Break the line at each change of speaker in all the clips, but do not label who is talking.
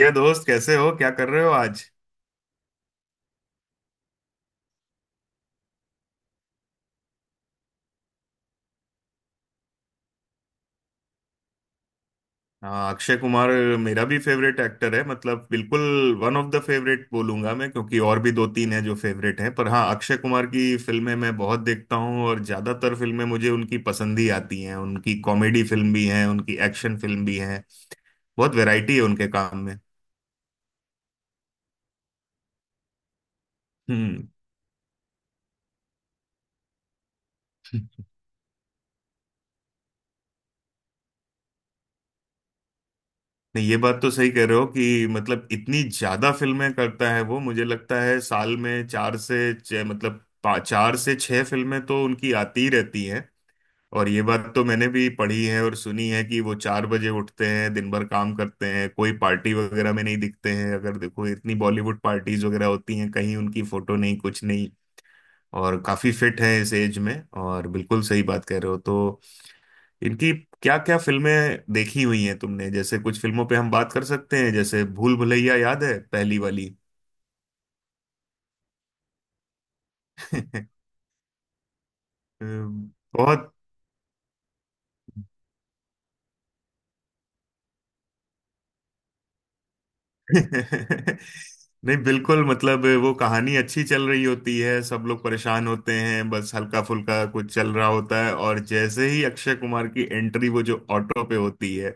ये दोस्त, कैसे हो? क्या कर रहे हो आज? हाँ, अक्षय कुमार मेरा भी फेवरेट एक्टर है, मतलब बिल्कुल वन ऑफ द फेवरेट बोलूंगा मैं, क्योंकि और भी दो तीन हैं जो फेवरेट हैं। पर हाँ, अक्षय कुमार की फिल्में मैं बहुत देखता हूँ और ज्यादातर फिल्में मुझे उनकी पसंद ही आती हैं। उनकी कॉमेडी फिल्म भी हैं, उनकी एक्शन फिल्म भी हैं। बहुत वैरायटी है उनके काम में। हम्म। नहीं, ये बात तो सही कह रहे हो कि मतलब इतनी ज्यादा फिल्में करता है वो, मुझे लगता है साल में चार से छह, चार से छह फिल्में तो उनकी आती ही रहती हैं। और ये बात तो मैंने भी पढ़ी है और सुनी है कि वो 4 बजे उठते हैं, दिन भर काम करते हैं, कोई पार्टी वगैरह में नहीं दिखते हैं। अगर देखो इतनी बॉलीवुड पार्टीज वगैरह होती हैं, कहीं उनकी फोटो नहीं, कुछ नहीं। और काफी फिट है इस एज में। और बिल्कुल सही बात कह रहे हो। तो इनकी क्या क्या फिल्में देखी हुई हैं तुमने? जैसे कुछ फिल्मों पे हम बात कर सकते हैं, जैसे भूल भुलैया, याद है पहली वाली? बहुत नहीं बिल्कुल, मतलब वो कहानी अच्छी चल रही होती है, सब लोग परेशान होते हैं, बस हल्का फुल्का कुछ चल रहा होता है, और जैसे ही अक्षय कुमार की एंट्री वो जो ऑटो पे होती है,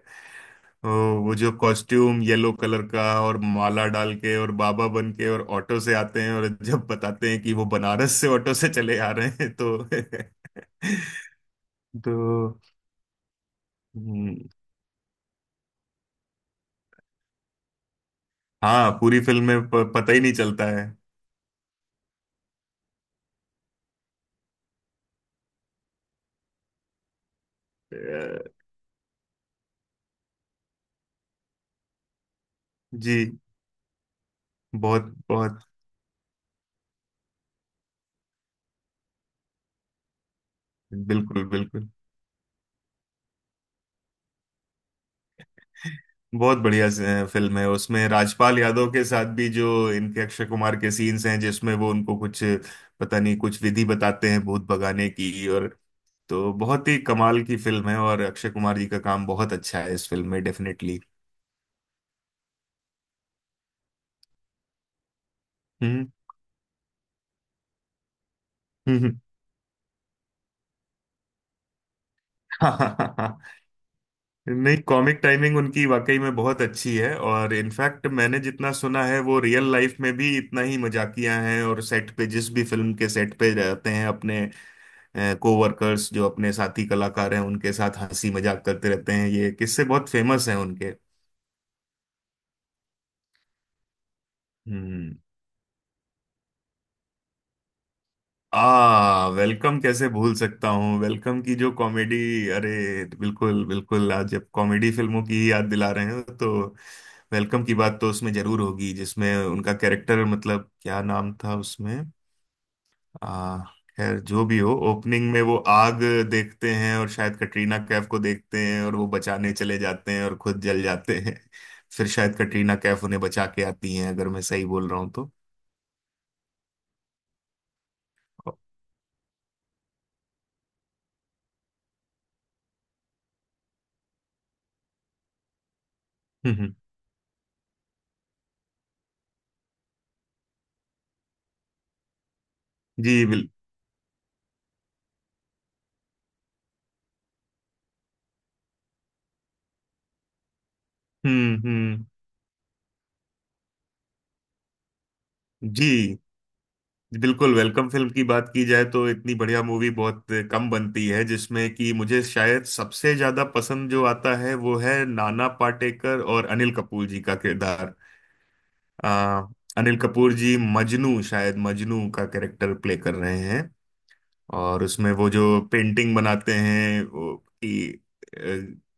वो वो जो कॉस्ट्यूम येलो कलर का, और माला डाल के और बाबा बन के और ऑटो से आते हैं, और जब बताते हैं कि वो बनारस से ऑटो से चले आ रहे हैं तो तो हम्म। हाँ, पूरी फिल्म में पता ही नहीं चलता है। अ, जी बहुत बहुत बिल्कुल बिल्कुल। बहुत बढ़िया फिल्म है उसमें, राजपाल यादव के साथ भी जो इनके अक्षय कुमार के सीन्स हैं, जिसमें वो उनको कुछ पता नहीं कुछ विधि बताते हैं भूत भगाने की। और तो बहुत ही कमाल की फिल्म है, और अक्षय कुमार जी का काम बहुत अच्छा है इस फिल्म में, डेफिनेटली। हम्म हम्म, हम्म। नहीं, कॉमिक टाइमिंग उनकी वाकई में बहुत अच्छी है, और इनफैक्ट मैंने जितना सुना है वो रियल लाइफ में भी इतना ही मजाकिया हैं, और सेट पे, जिस भी फिल्म के सेट पे रहते हैं, अपने कोवर्कर्स जो अपने साथी कलाकार हैं उनके साथ हंसी मजाक करते रहते हैं। ये किस्से बहुत फेमस हैं उनके। हम्म। आ वेलकम, कैसे भूल सकता हूँ? वेलकम की जो कॉमेडी, अरे बिल्कुल बिल्कुल, आज जब कॉमेडी फिल्मों की याद दिला रहे हैं तो वेलकम की बात तो उसमें जरूर होगी, जिसमें उनका कैरेक्टर, मतलब क्या नाम था उसमें, आ, खैर जो भी हो। ओपनिंग में वो आग देखते हैं और शायद कटरीना कैफ को देखते हैं, और वो बचाने चले जाते हैं और खुद जल जाते हैं। फिर शायद कटरीना कैफ उन्हें बचा के आती हैं, अगर मैं सही बोल रहा हूँ तो। हम्म हम्म, जी बिल हम्म। जी बिल्कुल, वेलकम फिल्म की बात की जाए तो इतनी बढ़िया मूवी बहुत कम बनती है, जिसमें कि मुझे शायद सबसे ज्यादा पसंद जो आता है वो है नाना पाटेकर और अनिल कपूर जी का किरदार। आ, अनिल कपूर जी मजनू, शायद मजनू का कैरेक्टर प्ले कर रहे हैं, और उसमें वो जो पेंटिंग बनाते हैं वो, कि अ,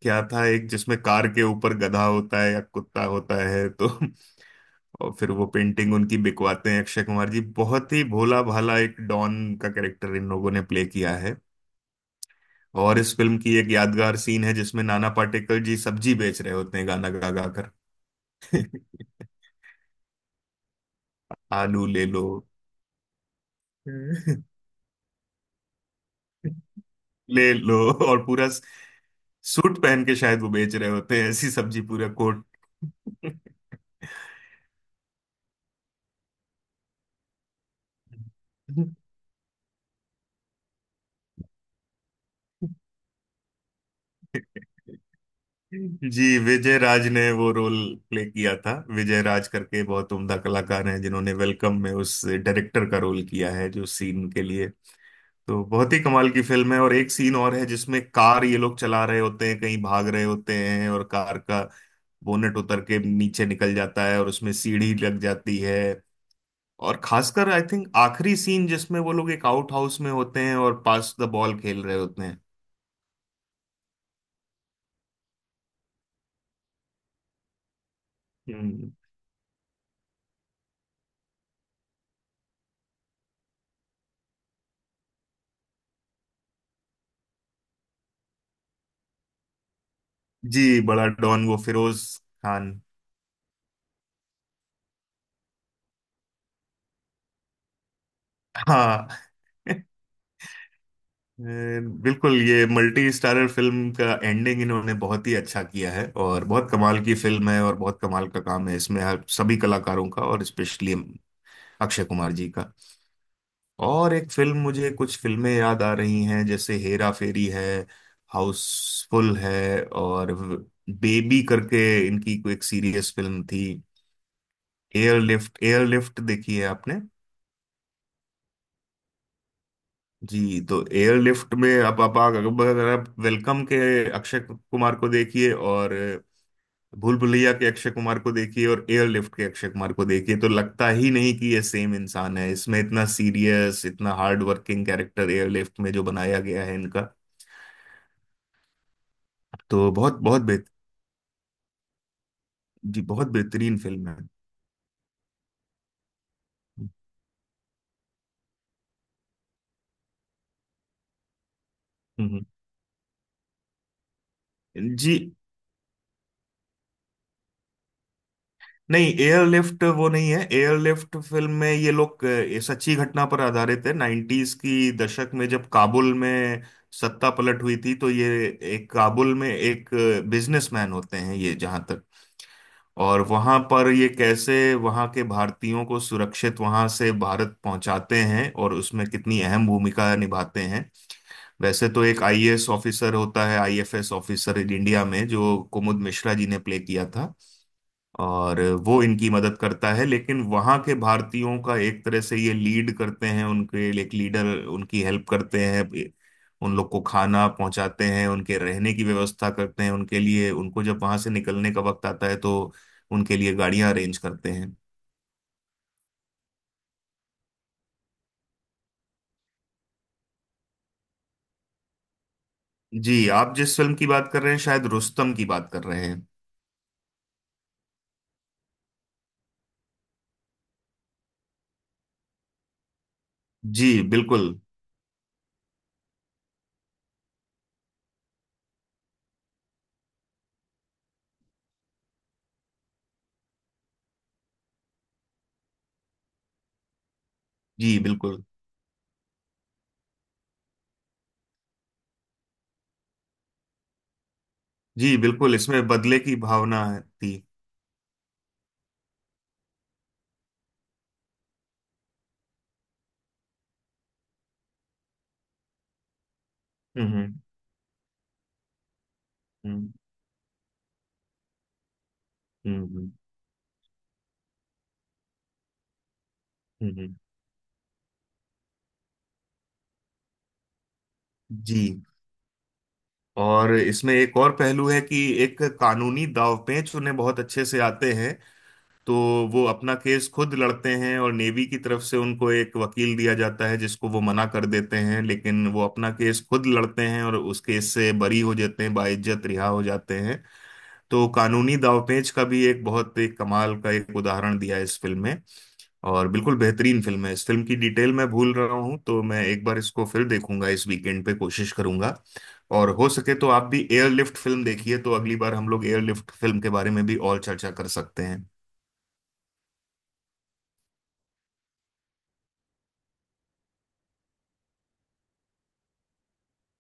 क्या था, एक जिसमें कार के ऊपर गधा होता है या कुत्ता होता है तो और फिर वो पेंटिंग उनकी बिकवाते हैं अक्षय कुमार जी, बहुत ही भोला भाला एक डॉन का कैरेक्टर इन लोगों ने प्ले किया है। और इस फिल्म की एक यादगार सीन है जिसमें नाना पाटेकर जी सब्जी बेच रहे होते हैं गाना गा गा कर आलू ले लो ले लो और पूरा सूट पहन के शायद वो बेच रहे होते हैं ऐसी सब्जी, पूरा कोट। जी, विजय राज ने वो रोल प्ले किया था, विजय राज करके बहुत उम्दा कलाकार हैं, जिन्होंने वेलकम में उस डायरेक्टर का रोल किया है जो सीन के लिए। तो बहुत ही कमाल की फिल्म है। और एक सीन और है जिसमें कार ये लोग चला रहे होते हैं, कहीं भाग रहे होते हैं, और कार का बोनेट उतर के नीचे निकल जाता है और उसमें सीढ़ी लग जाती है। और खासकर आई थिंक आखिरी सीन जिसमें वो लोग एक आउट हाउस में होते हैं और पास द बॉल खेल रहे होते हैं। हम्म। जी, बड़ा डॉन वो फिरोज खान। हाँ। अ, बिल्कुल, ये मल्टी स्टारर फिल्म का एंडिंग इन्होंने बहुत ही अच्छा किया है, और बहुत कमाल की फिल्म है, और बहुत कमाल का काम है इसमें हर सभी कलाकारों का, और स्पेशली अक्षय कुमार जी का। और एक फिल्म, मुझे कुछ फिल्में याद आ रही हैं जैसे हेरा फेरी है, हाउसफुल है, और बेबी करके इनकी कोई एक सीरियस फिल्म थी। एयरलिफ्ट, एयरलिफ्ट देखी है आपने? जी, तो एयरलिफ्ट में, अब अब अगर आप वेलकम के अक्षय कुमार को देखिए, और भूल भुलैया के अक्षय कुमार को देखिए, और एयरलिफ्ट के अक्षय कुमार को देखिए, तो लगता ही नहीं कि ये सेम इंसान है। इसमें इतना सीरियस इतना हार्ड वर्किंग कैरेक्टर एयरलिफ्ट में जो बनाया गया है इनका, तो बहुत बहुत जी बहुत बेहतरीन फिल्म है। हम्म, जी। नहीं, एयरलिफ्ट वो नहीं है। एयरलिफ्ट फिल्म में ये लोग, ये सच्ची घटना पर आधारित है 90s की दशक में, जब काबुल में सत्ता पलट हुई थी तो ये एक काबुल में एक बिजनेसमैन होते हैं ये, जहां तक, और वहां पर ये कैसे वहां के भारतीयों को सुरक्षित वहां से भारत पहुंचाते हैं, और उसमें कितनी अहम भूमिका निभाते हैं। वैसे तो एक आईएएस ऑफिसर होता है, आईएफएस ऑफिसर इन इंडिया में, जो कुमुद मिश्रा जी ने प्ले किया था, और वो इनकी मदद करता है, लेकिन वहाँ के भारतीयों का एक तरह से ये लीड करते हैं, उनके एक लीडर। उनकी हेल्प करते हैं, उन लोग को खाना पहुंचाते हैं, उनके रहने की व्यवस्था करते हैं उनके लिए, उनको जब वहां से निकलने का वक्त आता है तो उनके लिए गाड़ियां अरेंज करते हैं। जी, आप जिस फिल्म की बात कर रहे हैं शायद रुस्तम की बात कर रहे हैं। जी बिल्कुल। जी बिल्कुल। जी बिल्कुल, इसमें बदले की भावना थी। हम्म हम्म हम्म हम्म, हम्म, जी। और इसमें एक और पहलू है कि एक कानूनी दांवपेच उन्हें बहुत अच्छे से आते हैं, तो वो अपना केस खुद लड़ते हैं, और नेवी की तरफ से उनको एक वकील दिया जाता है जिसको वो मना कर देते हैं, लेकिन वो अपना केस खुद लड़ते हैं और उस केस से बरी हो जाते हैं, बाइज्जत रिहा हो जाते हैं। तो कानूनी दांवपेच का भी एक बहुत एक कमाल का एक उदाहरण दिया है इस फिल्म में। और बिल्कुल बेहतरीन फिल्म है। इस फिल्म की डिटेल मैं भूल रहा हूँ, तो मैं एक बार इसको फिर देखूंगा इस वीकेंड पे, कोशिश करूंगा। और हो सके तो आप भी एयरलिफ्ट फिल्म देखिए, तो अगली बार हम लोग एयरलिफ्ट फिल्म के बारे में भी और चर्चा कर सकते हैं।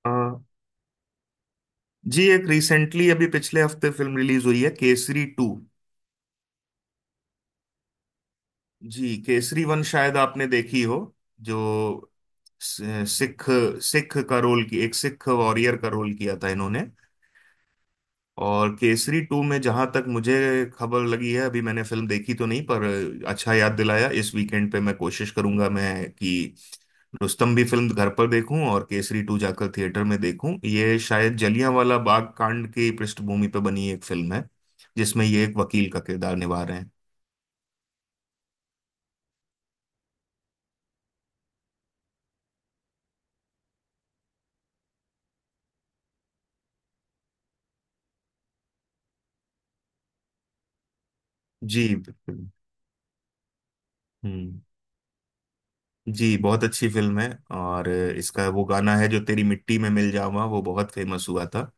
अ, जी, एक रिसेंटली अभी पिछले हफ्ते फिल्म रिलीज हुई है, केसरी टू। जी, केसरी वन शायद आपने देखी हो, जो सिख सिख का रोल, की एक सिख वॉरियर का रोल किया था इन्होंने। और केसरी टू में जहां तक मुझे खबर लगी है, अभी मैंने फिल्म देखी तो नहीं, पर अच्छा याद दिलाया। इस वीकेंड पे मैं कोशिश करूंगा मैं कि रुस्तम भी फिल्म घर पर देखूं, और केसरी टू जाकर थिएटर में देखूं। ये शायद जलियांवाला बाग कांड की पृष्ठभूमि पर बनी एक फिल्म है जिसमें ये एक वकील का किरदार निभा रहे हैं। जी बिल्कुल। हम्म। जी बहुत अच्छी फिल्म है। और इसका वो गाना है जो तेरी मिट्टी में मिल जावा, वो बहुत फेमस हुआ था।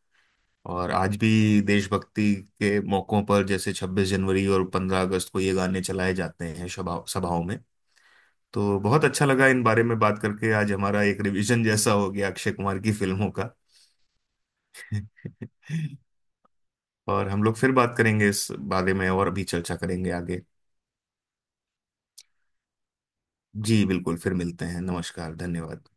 और आज भी देशभक्ति के मौकों पर जैसे 26 जनवरी और 15 अगस्त को ये गाने चलाए जाते हैं सभा सभाओं में। तो बहुत अच्छा लगा इन बारे में बात करके, आज हमारा एक रिवीजन जैसा हो गया अक्षय कुमार की फिल्मों का। और हम लोग फिर बात करेंगे इस बारे में, और भी चर्चा करेंगे आगे। जी बिल्कुल, फिर मिलते हैं। नमस्कार, धन्यवाद।